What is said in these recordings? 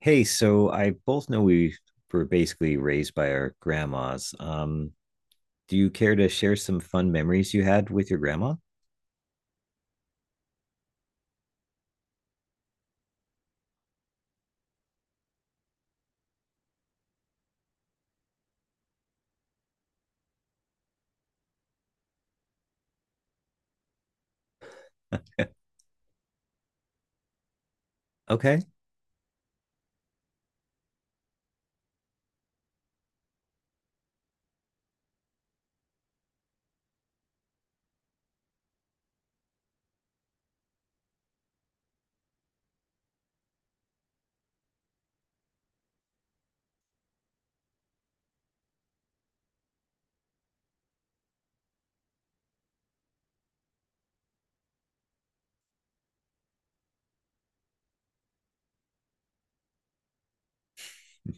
Hey, so I both know we were basically raised by our grandmas. Do you care to share some fun memories you had with your grandma? Okay.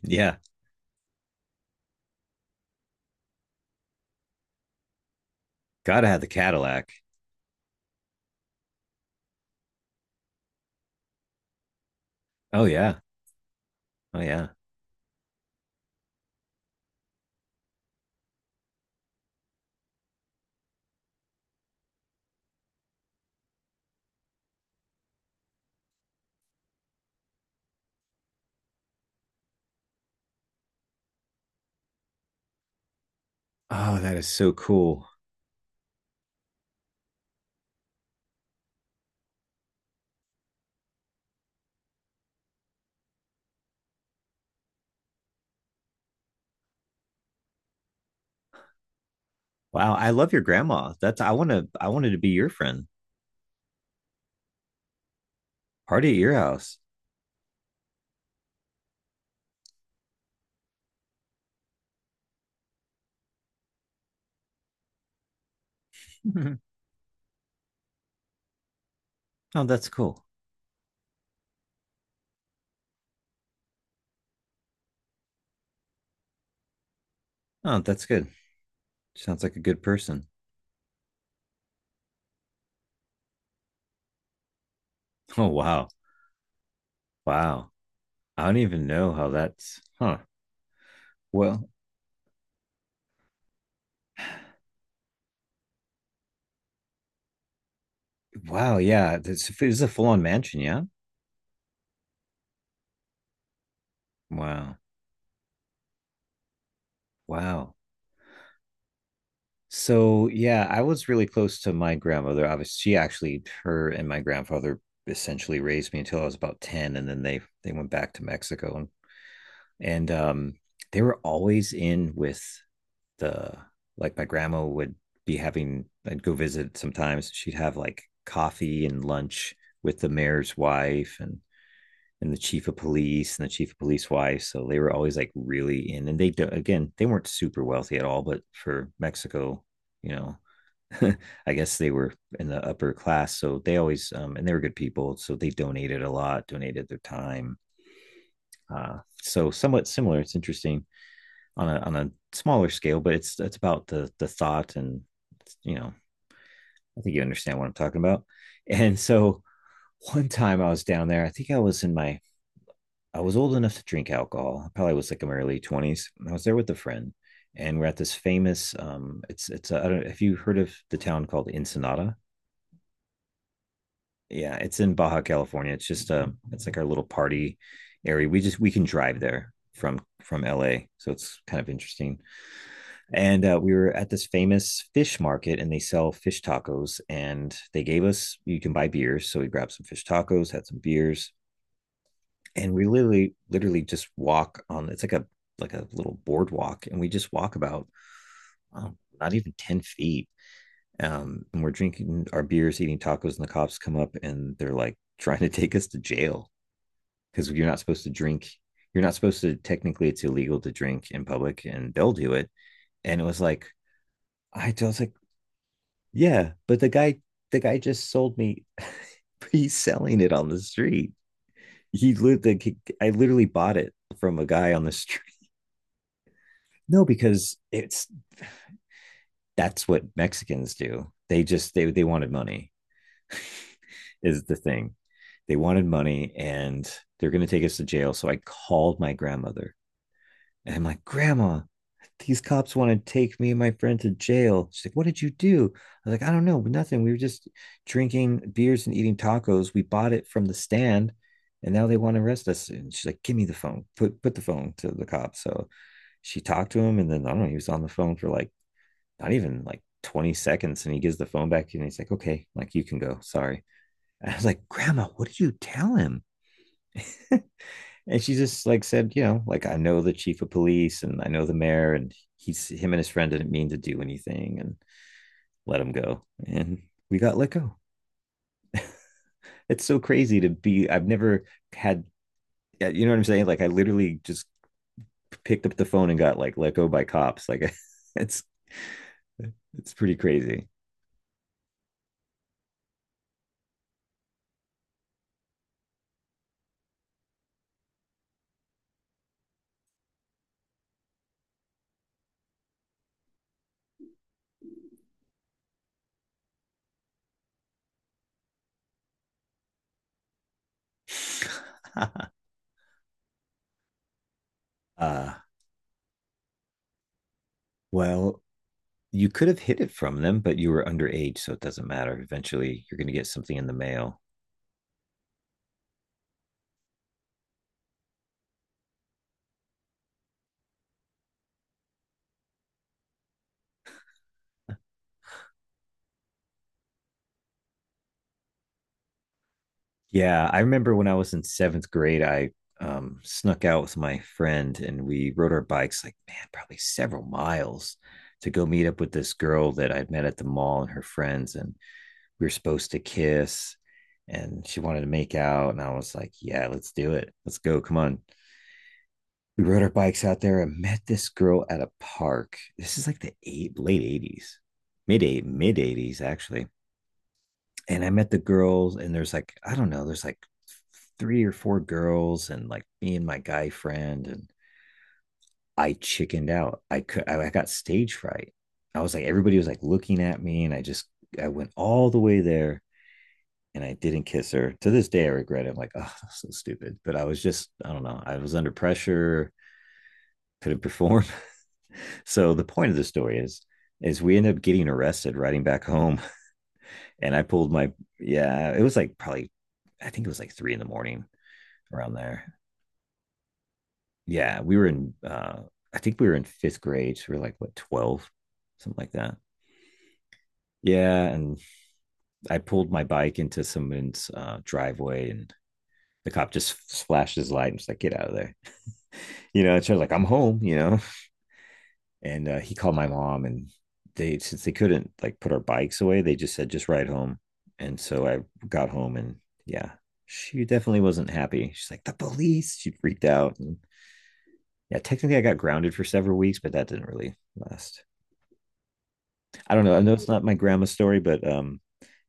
Yeah. Gotta have the Cadillac. Oh yeah. Oh yeah. Oh, that is so cool. Wow, I love your grandma. That's I wanted to be your friend. Party at your house. Mhm. Oh, that's cool. Oh, that's good. Sounds like a good person. Oh wow. Wow. I don't even know how that's huh. Well, wow, yeah, this it was a full-on mansion, yeah. Wow, wow. So yeah, I was really close to my grandmother. Obviously, she actually, her and my grandfather essentially raised me until I was about 10, and then they went back to Mexico, and and um, they were always in with the, like my grandma would be having. I'd go visit sometimes. She'd have like coffee and lunch with the mayor's wife, and the chief of police and the chief of police wife. So they were always like really in, and they do, again they weren't super wealthy at all, but for Mexico, you know, I guess they were in the upper class, so they always and they were good people, so they donated a lot, donated their time. So somewhat similar. It's interesting on a smaller scale, but it's about the thought and you know, I think you understand what I'm talking about. And so one time I was down there, I think I was in my, I was old enough to drink alcohol. I probably was like in my early 20s. I was there with a friend and we're at this famous it's a, I don't have you heard of the town called Ensenada? Yeah, it's in Baja California. It's just it's like our little party area. We just we can drive there from LA. So it's kind of interesting. And we were at this famous fish market and they sell fish tacos and they gave us, you can buy beers. So we grabbed some fish tacos, had some beers and we literally just walk on, it's like a little boardwalk, and we just walk about not even 10 feet, and we're drinking our beers eating tacos and the cops come up and they're like trying to take us to jail because you're not supposed to drink, you're not supposed to, technically it's illegal to drink in public and they'll do it. And it was like, I was like, yeah, but the guy just sold me, he's selling it on the street, he lit I literally bought it from a guy on the street. No, because it's, that's what Mexicans do. They just they wanted money is the thing. They wanted money and they're going to take us to jail. So I called my grandmother and I'm like, "Grandma, these cops want to take me and my friend to jail." She's like, "What did you do?" I was like, "I don't know, nothing. We were just drinking beers and eating tacos. We bought it from the stand, and now they want to arrest us." And she's like, "Give me the phone. Put the phone to the cop." So she talked to him, and then I don't know. He was on the phone for like not even like 20 seconds and he gives the phone back to you and he's like, okay, like you can go. Sorry. And I was like, Grandma, what did you tell him? And she just like said, you know, like I know the chief of police and I know the mayor and he's, him and his friend didn't mean to do anything, and let him go. And we got let go. It's so crazy to be, I've never had, you know what I'm saying? Like I literally just picked up the phone and got like let go by cops. Like it's it's pretty crazy. uh well, you could have hid it from them, but you were underage, so it doesn't matter. Eventually, you're going to get something in the mail. Yeah, I remember when I was in seventh grade, I snuck out with my friend and we rode our bikes, like, man, probably several miles to go meet up with this girl that I'd met at the mall and her friends. And we were supposed to kiss and she wanted to make out. And I was like, yeah, let's do it. Let's go. Come on. We rode our bikes out there and met this girl at a park. This is like late 80s, mid 80s actually. And I met the girls, and there's like, I don't know, there's like three or four girls, and like me and my guy friend, and I chickened out. Got stage fright. I was like, everybody was like looking at me, and I just, I went all the way there and I didn't kiss her. To this day, I regret it. I'm like, oh, that's so stupid. But I was just, I don't know. I was under pressure, couldn't perform. So the point of the story is we ended up getting arrested riding back home, and I pulled my yeah it was like probably, I think it was like three in the morning around there. Yeah, we were in I think we were in fifth grade so we were like, what, 12, something like that. Yeah, and I pulled my bike into someone's driveway and the cop just flashed his light and was like, get out of there, you know. And she was like, I'm home, you know. And he called my mom, and they, since they couldn't like put our bikes away, they just said just ride home. And so I got home, and yeah, she definitely wasn't happy. She's like, the police, she freaked out. And yeah, technically I got grounded for several weeks, but that didn't really last. I don't know, I know it's not my grandma's story but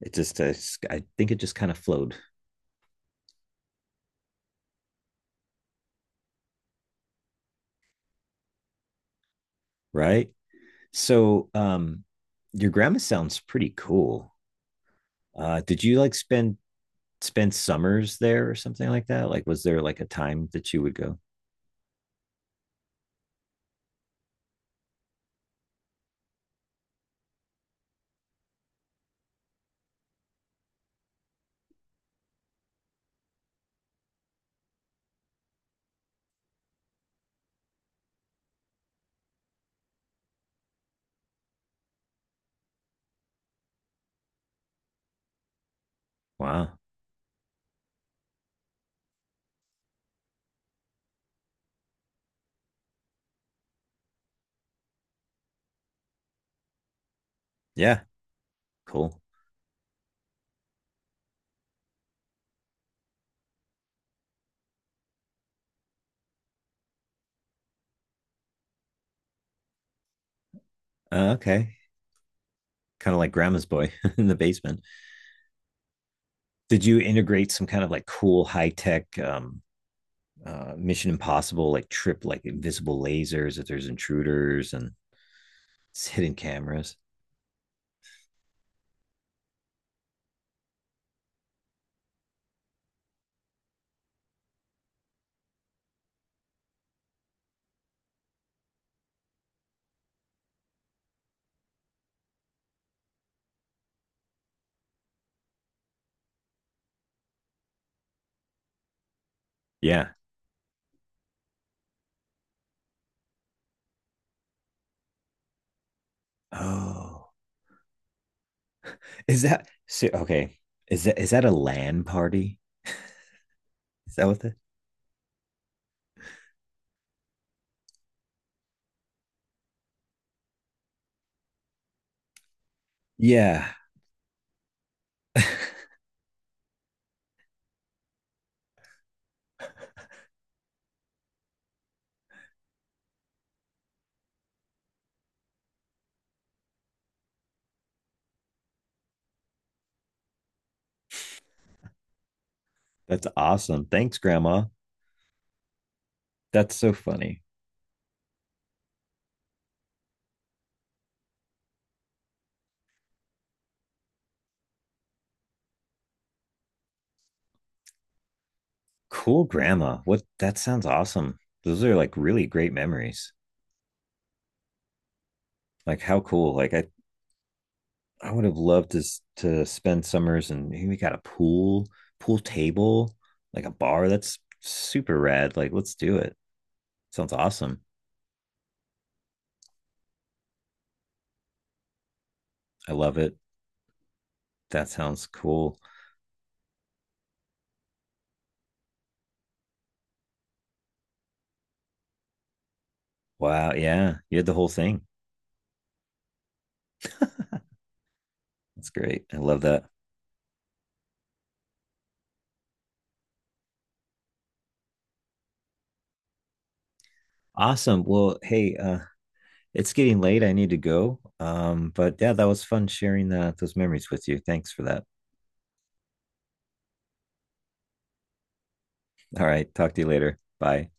it just, I think it just kind of flowed. Right, so your grandma sounds pretty cool. Uh, did you like spend summers there or something like that? Like, was there like a time that you would go? Wow. Yeah. Cool. Okay. Kind of like grandma's boy in the basement. Did you integrate some kind of like cool high tech Mission Impossible like trip, like invisible lasers if there's intruders and hidden cameras? Yeah. Oh, is that so? Okay. Is that a LAN party? Is that what the? Yeah. That's awesome. Thanks, Grandma. That's so funny. Cool grandma. What, that sounds awesome. Those are like really great memories. Like how cool. Like I would have loved to to spend summers and we got a pool, pool table, like a bar. That's super rad. Like let's do it. Sounds awesome. I love it. That sounds cool. Wow, yeah. You had the whole thing. That's great. I love that. Awesome. Well, hey, it's getting late. I need to go. But yeah, that was fun sharing those memories with you. Thanks for that. All right. Talk to you later. Bye.